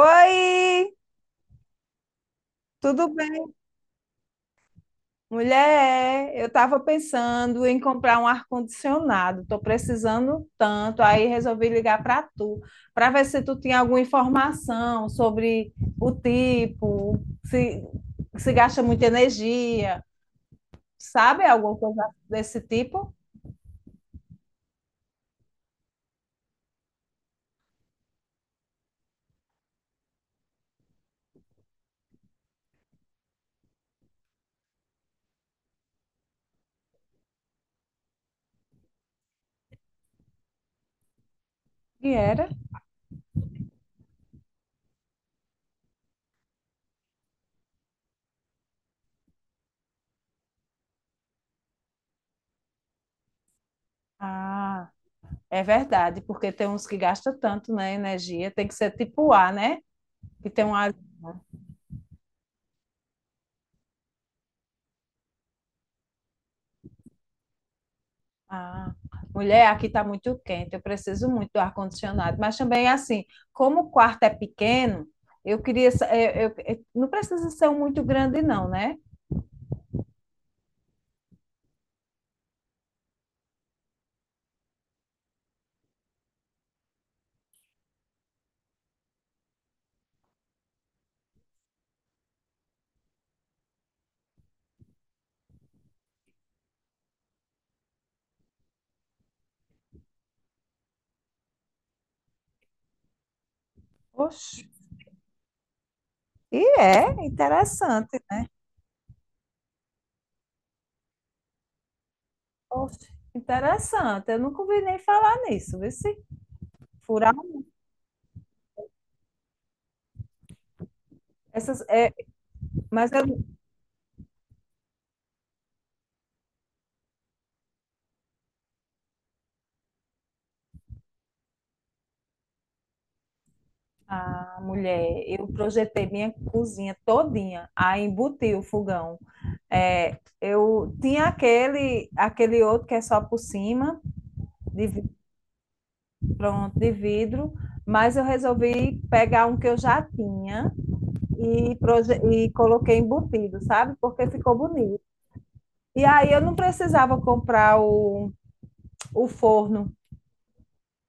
Oi, tudo bem? Mulher, eu estava pensando em comprar um ar-condicionado. Estou precisando tanto, aí resolvi ligar para tu, para ver se tu tinha alguma informação sobre o tipo, se, se gasta muita energia, sabe alguma coisa desse tipo? E era? Ah, é verdade, porque tem uns que gastam tanto, né, energia, tem que ser tipo A, né? Que tem um ar. Ah, mulher, aqui está muito quente, eu preciso muito do ar-condicionado. Mas também, assim, como o quarto é pequeno, eu queria. Não precisa ser um muito grande, não, né? Oxe, e é interessante. Oxe, interessante. Eu nunca ouvi nem falar nisso, vê se furar. Essas, é, mas eu, ah, mulher, eu projetei minha cozinha todinha, aí embuti o fogão. É, eu tinha aquele, aquele outro que é só por cima, de pronto, de vidro, mas eu resolvi pegar um que eu já tinha e, e coloquei embutido, sabe? Porque ficou bonito. E aí eu não precisava comprar o forno.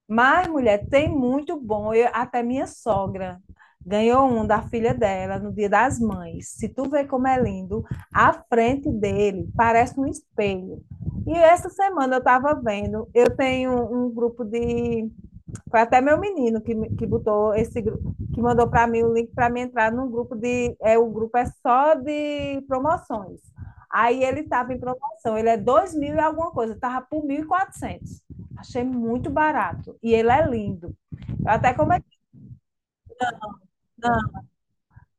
Mas, mulher, tem muito bom. Até minha sogra ganhou um da filha dela no Dia das Mães. Se tu vê como é lindo, a frente dele parece um espelho. E essa semana eu estava vendo, eu tenho um grupo de. Foi até meu menino que botou esse grupo, que mandou para mim o link para me entrar num grupo de. É, o grupo é só de promoções. Aí ele estava em promoção, ele é 2.000 e alguma coisa, estava por 1.400. Achei muito barato. E ele é lindo. Eu até comentei,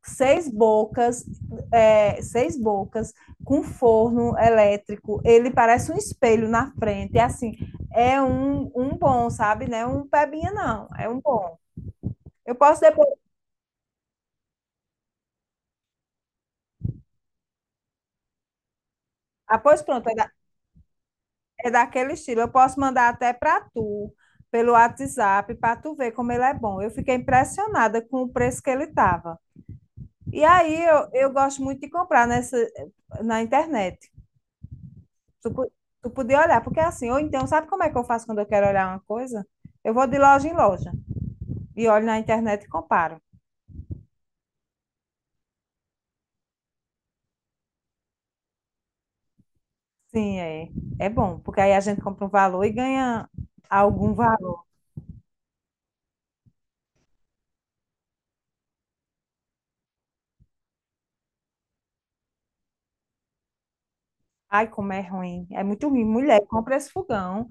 seis bocas, é, seis bocas, com forno elétrico. Ele parece um espelho na frente. É assim, é um, um bom, sabe? Não é um pebinha, não. É um bom. Eu posso depois. Ah, pois pronto, é daquele estilo. Eu posso mandar até para tu, pelo WhatsApp, para tu ver como ele é bom. Eu fiquei impressionada com o preço que ele estava. E aí eu gosto muito de comprar nessa, na internet. Tu, po- tu podia olhar, porque assim, ou então, sabe como é que eu faço quando eu quero olhar uma coisa? Eu vou de loja em loja e olho na internet e comparo. Sim, é, é bom, porque aí a gente compra um valor e ganha algum valor. Ai, como é ruim. É muito ruim. Mulher, compra esse fogão.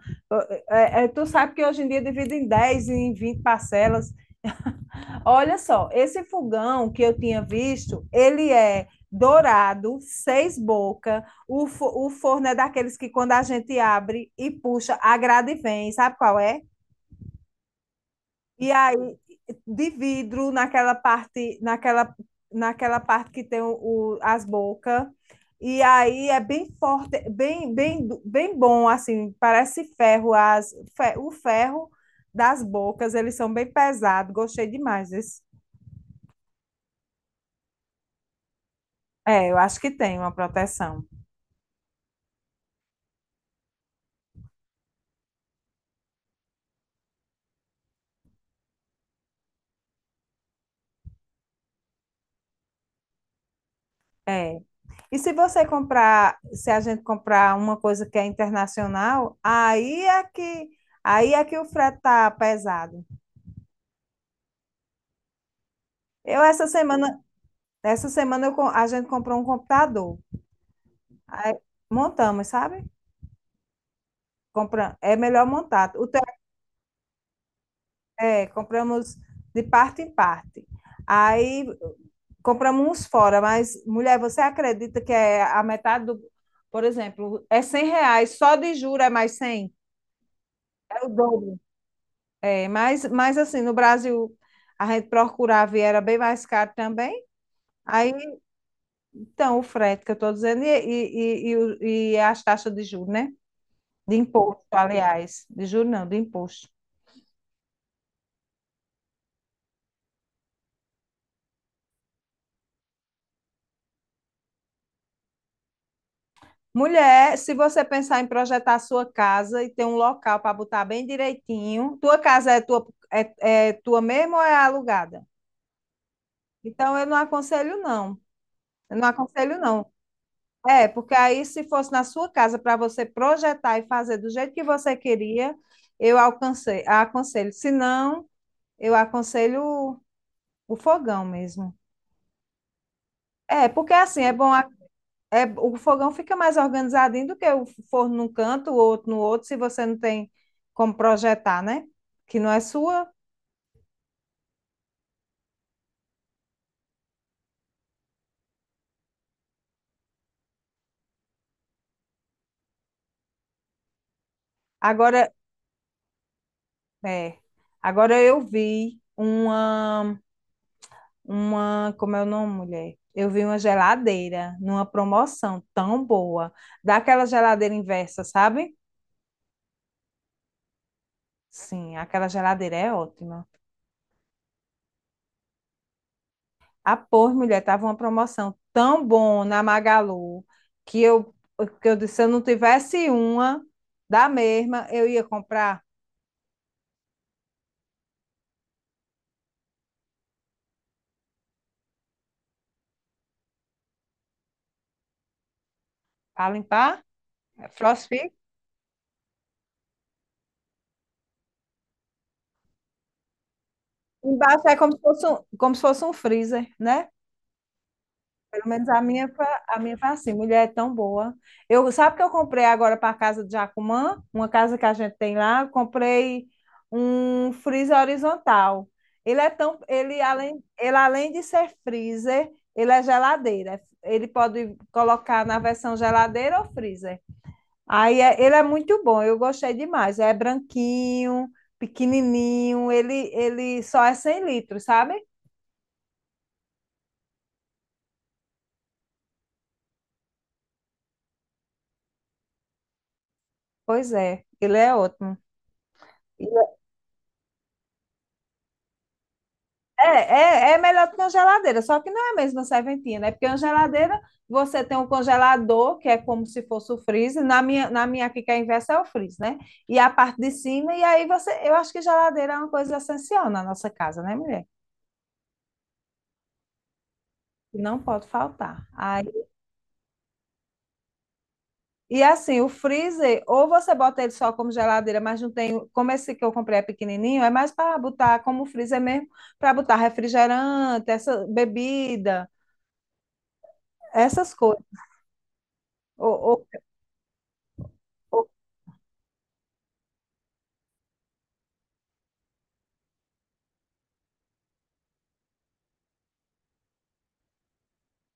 É, tu sabe que hoje em dia divide em 10 em 20 parcelas. Olha só, esse fogão que eu tinha visto, ele é dourado, seis boca. O forno é daqueles que quando a gente abre e puxa, a grade vem. Sabe qual é? E aí, de vidro, naquela parte, naquela parte que tem o, as bocas. E aí é bem forte, bem, bem, bem bom, assim, parece ferro, o ferro das bocas, eles são bem pesados, gostei demais desse. É, eu acho que tem uma proteção. É. E se você comprar, se a gente comprar uma coisa que é internacional, aí é que o frete tá pesado. Eu essa semana Nessa semana a gente comprou um computador. Aí montamos, sabe? Compra, é melhor montar. É, compramos de parte em parte. Aí compramos uns fora, mas, mulher, você acredita que é a metade do. Por exemplo, é 100 reais, só de juro é mais 100. É o dobro. É, mas assim, no Brasil, a gente procurava e era bem mais caro também. Aí, então, o frete que eu estou dizendo e as taxas de juros, né? De imposto, aliás. De juro não, de imposto. Mulher, se você pensar em projetar a sua casa e ter um local para botar bem direitinho, tua casa é tua, é tua mesmo ou é alugada? Então, eu não aconselho, não. Eu não aconselho, não. É, porque aí, se fosse na sua casa para você projetar e fazer do jeito que você queria, eu alcancei, aconselho. Se não, eu aconselho o fogão mesmo. É, porque assim, é bom. É, o fogão fica mais organizadinho do que o forno num canto, o outro no outro, se você não tem como projetar, né? Que não é sua. Agora, é, agora eu vi uma, como é o nome, mulher? Eu vi uma geladeira numa promoção tão boa, daquela geladeira inversa, sabe? Sim, aquela geladeira é ótima. A pôr, mulher, tava uma promoção tão bom na Magalu que eu, que eu disse, se eu não tivesse uma da mesma, eu ia comprar para limpar, é Frostfix. Embaixo é como se fosse um freezer, né? Pelo menos a minha, a minha foi assim, mulher é tão boa. Sabe que eu comprei agora para a casa de Jacumã, uma casa que a gente tem lá, eu comprei um freezer horizontal. Ele é tão, ele além de ser freezer, ele é geladeira. Ele pode colocar na versão geladeira ou freezer. Aí ele é muito bom, eu gostei demais. É branquinho, pequenininho, ele só é 100 litros, sabe? Pois é, ele é ótimo. É, melhor do que uma geladeira, só que não é mesmo a mesma serventina, é porque uma geladeira você tem um congelador, que é como se fosse o freezer, na minha aqui que é inversa é o freezer, né? E a parte de cima, e aí você, eu acho que geladeira é uma coisa essencial na nossa casa, né, mulher? E não pode faltar. Aí, e assim, o freezer, ou você bota ele só como geladeira, mas não tem, como esse que eu comprei é pequenininho, é mais para botar como freezer mesmo, para botar refrigerante, essa bebida, essas coisas. Ou, ou- ou-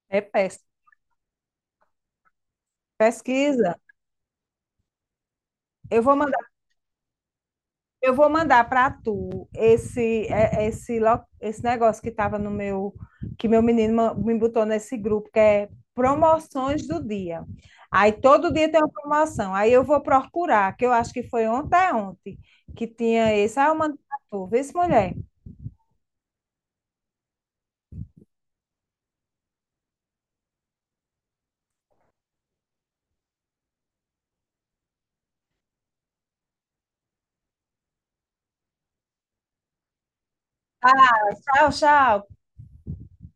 é péssimo. Pesquisa. Eu vou mandar, eu vou mandar para tu esse é- esse lo- esse negócio que estava no meu que meu menino me botou nesse grupo que é promoções do dia. Aí todo dia tem uma promoção. Aí eu vou procurar, que eu acho que foi ontem é ontem que tinha esse. Aí eu mando para tu. Vê se mulher. Tchau, tchau.